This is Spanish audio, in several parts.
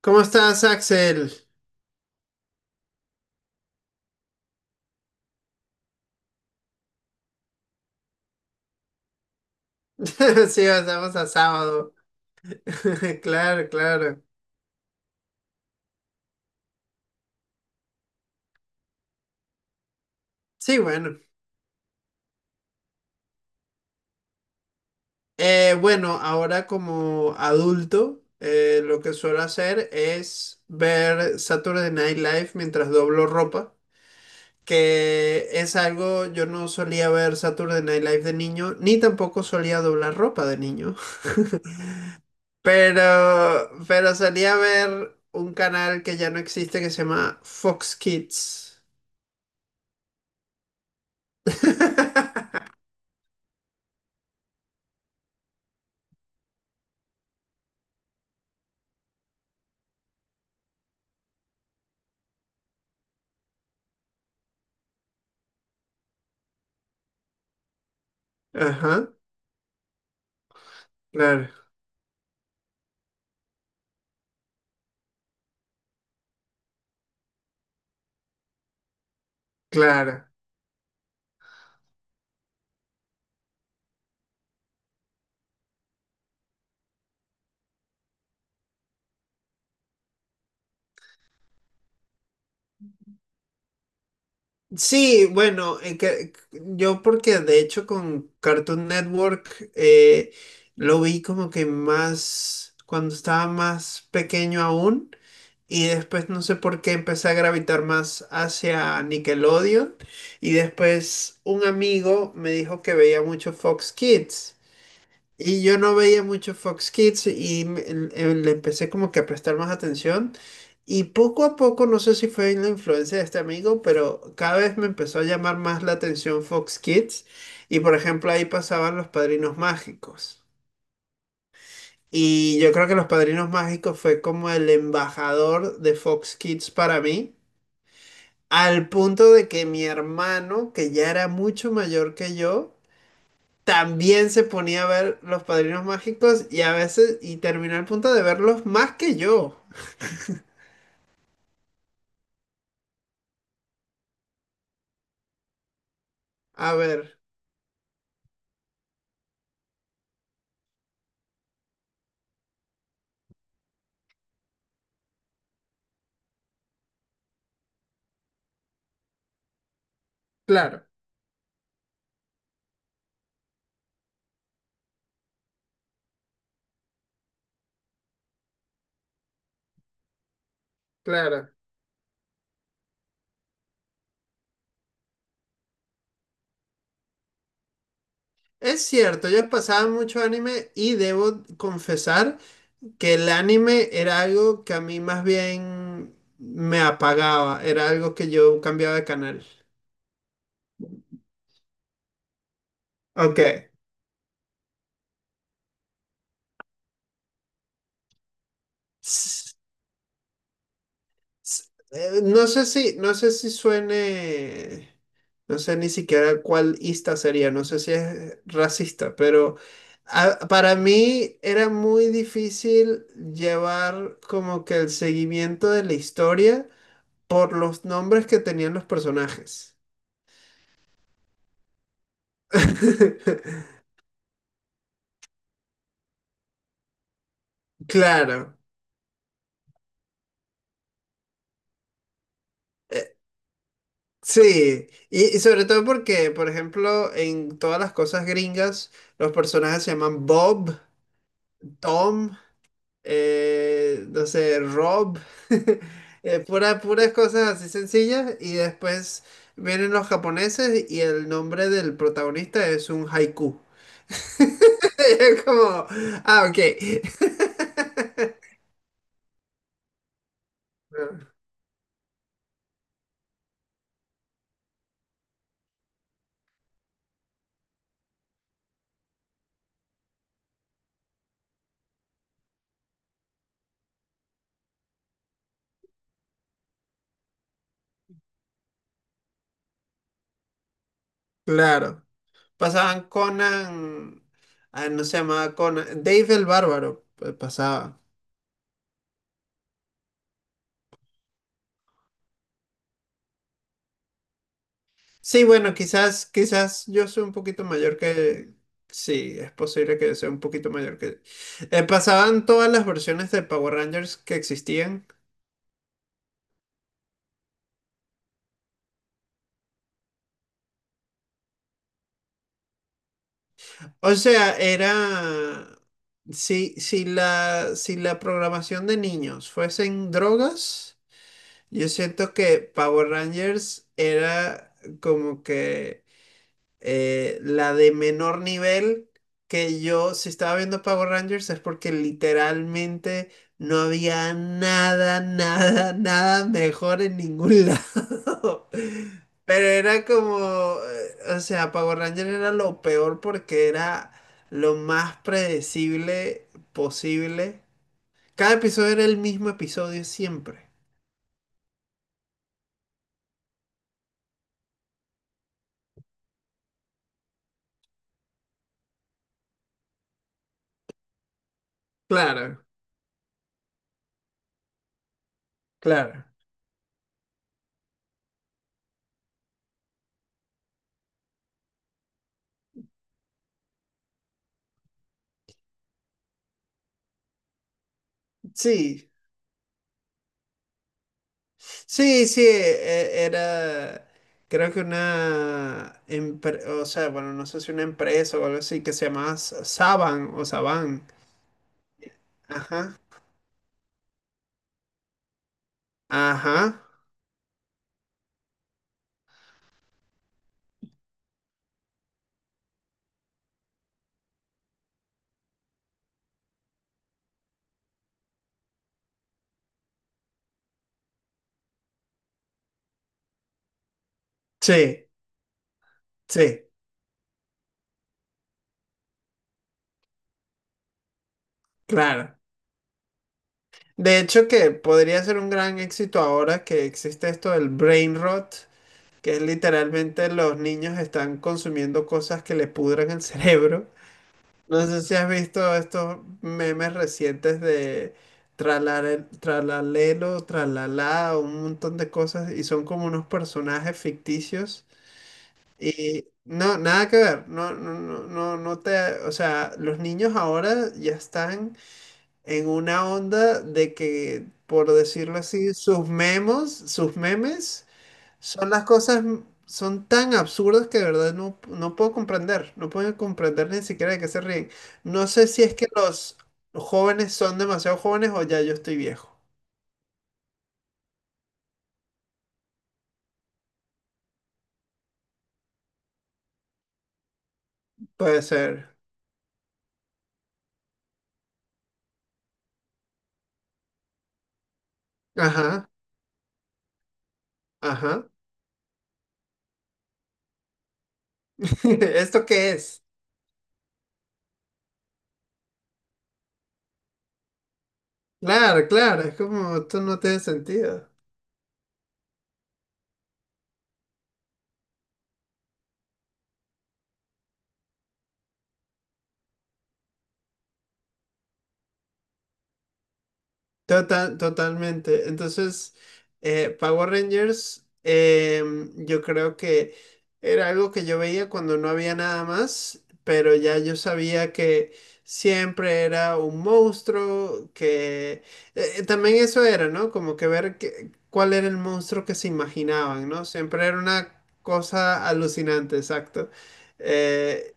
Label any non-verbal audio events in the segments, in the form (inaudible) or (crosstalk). ¿Cómo estás, Axel? (laughs) Sí, pasamos a sábado. (laughs) Claro, claro. Sí, bueno. Bueno, ahora como adulto, lo que suelo hacer es ver Saturday Night Live mientras doblo ropa, que es algo, yo no solía ver Saturday Night Live de niño, ni tampoco solía doblar ropa de niño. (laughs) Pero, pero solía ver un canal que ya no existe que se llama Fox Kids. (laughs) Ajá. Claro, claro. Sí, bueno, yo porque de hecho con Cartoon Network lo vi como que más cuando estaba más pequeño aún y después no sé por qué empecé a gravitar más hacia Nickelodeon y después un amigo me dijo que veía mucho Fox Kids. Y yo no veía mucho Fox Kids y le empecé como que a prestar más atención. Y poco a poco, no sé si fue en la influencia de este amigo, pero cada vez me empezó a llamar más la atención Fox Kids. Y por ejemplo, ahí pasaban Los Padrinos Mágicos. Y yo creo que Los Padrinos Mágicos fue como el embajador de Fox Kids para mí, al punto de que mi hermano, que ya era mucho mayor que yo, también se ponía a ver Los Padrinos Mágicos y a veces, y terminó al punto de verlos más que yo. A ver, claro, claro. Es cierto, yo pasaba mucho anime y debo confesar que el anime era algo que a mí más bien me apagaba, era algo que yo cambiaba de canal. Ok. S- no sé si, suene, no sé ni siquiera cuál ista sería, no sé si es racista, pero para mí era muy difícil llevar como que el seguimiento de la historia por los nombres que tenían los personajes. (laughs) Claro, sí. Y sobre todo porque, por ejemplo, en todas las cosas gringas, los personajes se llaman Bob, Tom. No sé, Rob, (laughs) puras cosas así sencillas. Y después vienen los japoneses y el nombre del protagonista es un haiku. (laughs) Es como, ok. (laughs) Claro. Pasaban Conan, no se llamaba Conan, Dave el Bárbaro, pues, pasaba. Sí, bueno, quizás yo soy un poquito mayor que... Sí, es posible que sea un poquito mayor que... Pasaban todas las versiones de Power Rangers que existían. O sea, era... Si la programación de niños fuesen drogas, yo siento que Power Rangers era como que la de menor nivel que yo, si estaba viendo Power Rangers, es porque literalmente no había nada mejor en ningún lado. (laughs) Pero era como, o sea, Power Rangers era lo peor porque era lo más predecible posible. Cada episodio era el mismo episodio siempre. Claro, claro. Sí. Era, creo que una, o sea, bueno, no sé si una empresa o algo así, que se llamaba Saban o Saban. Ajá, ajá. Sí, sí, claro. De hecho, que podría ser un gran éxito ahora que existe esto del brain rot, que es literalmente los niños están consumiendo cosas que le pudran el (laughs) cerebro. No sé si has visto estos memes recientes de tralalelo, tralalá, un montón de cosas y son como unos personajes ficticios y no, nada que ver, no te, o sea, los niños ahora ya están en una onda de que, por decirlo así, sus memos, sus memes son las cosas, son tan absurdas que de verdad no, no puedo comprender, no puedo comprender ni siquiera de qué se ríen. No sé si es que los jóvenes son demasiado jóvenes o ya yo estoy viejo. Puede ser. Ajá, ajá. (laughs) ¿Esto qué es? Claro, claro, es como esto no tiene sentido. Total, totalmente. Entonces, Power Rangers, yo creo que era algo que yo veía cuando no había nada más, pero ya yo sabía que siempre era un monstruo, que también eso era, ¿no? Como que ver cuál era el monstruo que se imaginaban, ¿no? Siempre era una cosa alucinante, exacto. Eh,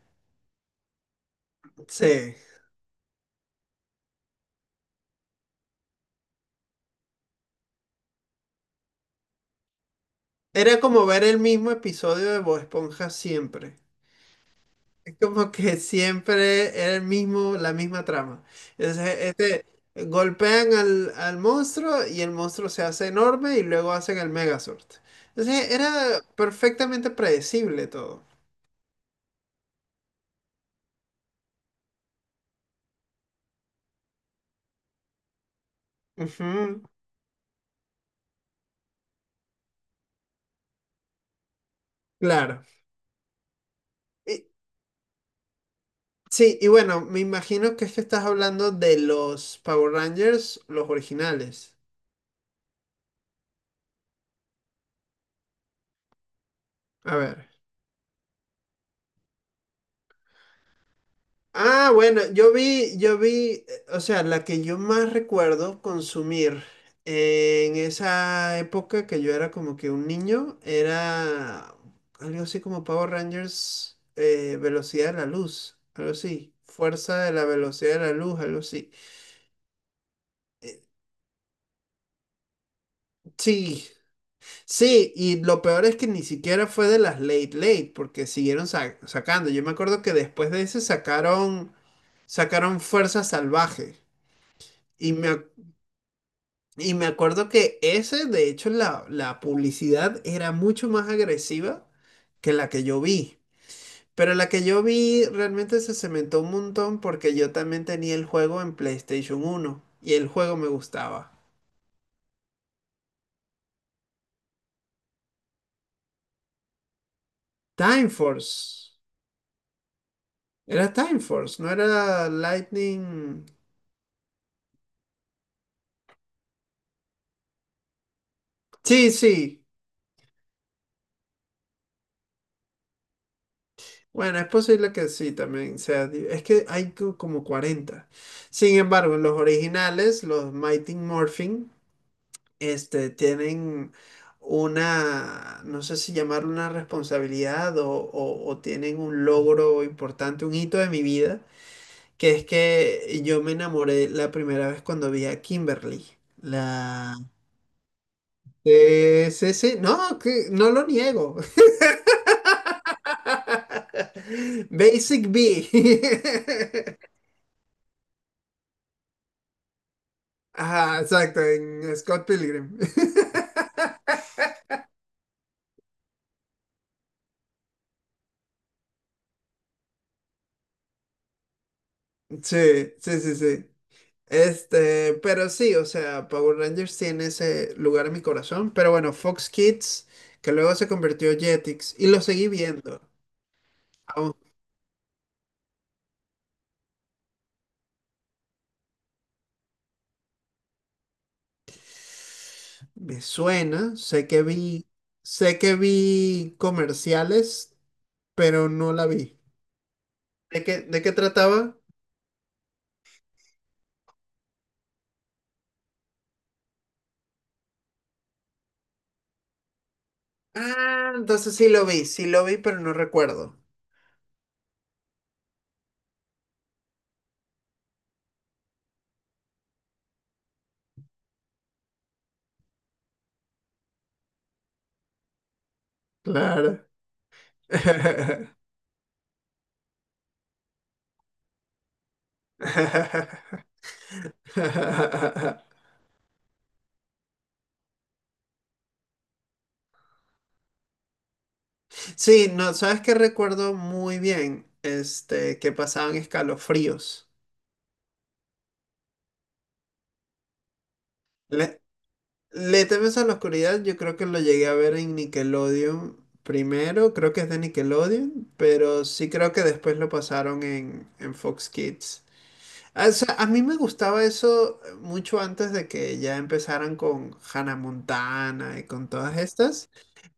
sí. Era como ver el mismo episodio de Bob Esponja siempre. Es como que siempre era el mismo, la misma trama. Entonces, este, golpean al, al monstruo y el monstruo se hace enorme y luego hacen el Megazord. Entonces, era perfectamente predecible todo. Ujú, claro. Y- sí, y bueno, me imagino que es que estás hablando de los Power Rangers, los originales. A ver. Ah, bueno, yo vi, o sea, la que yo más recuerdo consumir en esa época que yo era como que un niño, era algo así como Power Rangers, Velocidad de la Luz, algo así, Fuerza de la Velocidad de la Luz, algo así. Sí, sí, y lo peor es que ni siquiera fue de las late late, porque siguieron sacando. Yo me acuerdo que después de ese sacaron Fuerza Salvaje. Y me, ac- Y me acuerdo que ese, de hecho, la publicidad era mucho más agresiva que la que yo vi. Pero la que yo vi realmente se cementó un montón porque yo también tenía el juego en PlayStation uno y el juego me gustaba. Time Force. Era Time Force, no era Lightning. Sí, sí. Bueno, es posible que sí también sea. Es que hay como 40. Sin embargo, en los originales, los Mighty Morphin, este, tienen una, no sé si llamarlo una responsabilidad o, o tienen un logro importante, un hito de mi vida, que es que yo me enamoré la primera vez cuando vi a Kimberly. La... Sí, sí, no, que, no lo niego. (laughs) Basic B. (laughs) Ajá, exacto, en Scott Pilgrim. (laughs) Sí, sí, sí, sí. Este, pero sí, o sea, Power Rangers tiene ese lugar en mi corazón, pero bueno, Fox Kids, que luego se convirtió en Jetix, y lo seguí viendo. Aún me suena, sé que vi comerciales, pero no la vi. De qué trataba? Ah, entonces sí lo vi, pero no recuerdo. Claro. (laughs) (laughs) Sí, no, ¿sabes qué recuerdo muy bien? Este, que pasaban escalofríos. Le, Le temes a la oscuridad, yo creo que lo llegué a ver en Nickelodeon primero, creo que es de Nickelodeon, pero sí creo que después lo pasaron en Fox Kids. Ah, o sea, a mí me gustaba eso mucho antes de que ya empezaran con Hannah Montana y con todas estas.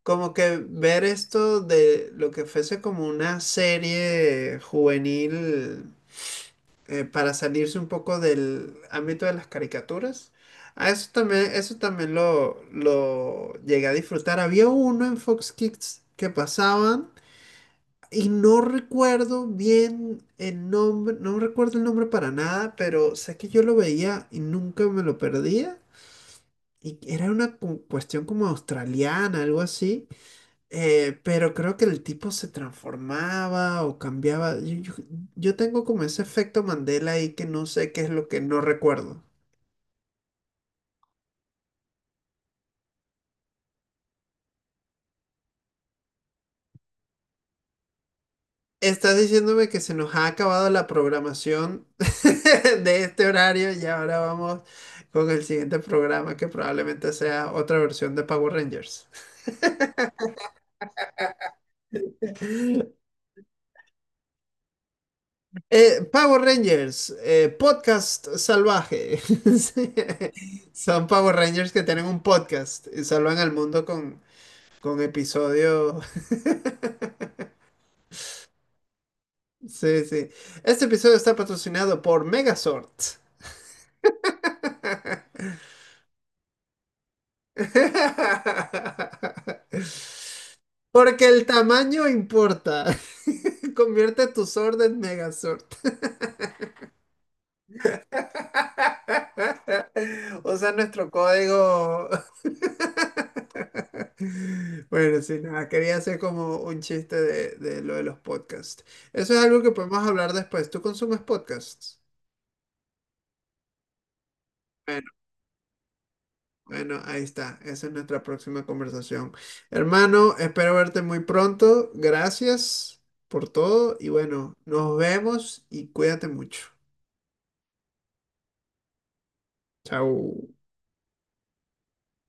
Como que ver esto de lo que fuese como una serie juvenil para salirse un poco del ámbito de las caricaturas. Ah, eso también lo llegué a disfrutar. Había uno en Fox Kids que pasaban y no recuerdo bien el nombre, no recuerdo el nombre para nada, pero sé que yo lo veía y nunca me lo perdía. Y era una cuestión como australiana, algo así. Pero creo que el tipo se transformaba o cambiaba. Yo tengo como ese efecto Mandela ahí que no sé qué es lo que no recuerdo. Estás diciéndome que se nos ha acabado la programación (laughs) de este horario y ahora vamos con el siguiente programa que probablemente sea otra versión de Power Rangers. (laughs) Power Rangers, podcast salvaje. (laughs) Sí. Son Power Rangers que tienen un podcast y salvan al mundo con episodio. (laughs) Sí, sí. Este episodio está patrocinado por Megazord. (laughs) Porque el tamaño importa. (laughs) Convierte tu sword en Megazord. (laughs) Usa nuestro código. (laughs) Bueno, sí, nada, quería hacer como un chiste de lo de los podcasts. Eso es algo que podemos hablar después. ¿Tú consumes podcasts? Bueno, ahí está. Esa es nuestra próxima conversación. Hermano, espero verte muy pronto. Gracias por todo y bueno, nos vemos y cuídate mucho. Chao.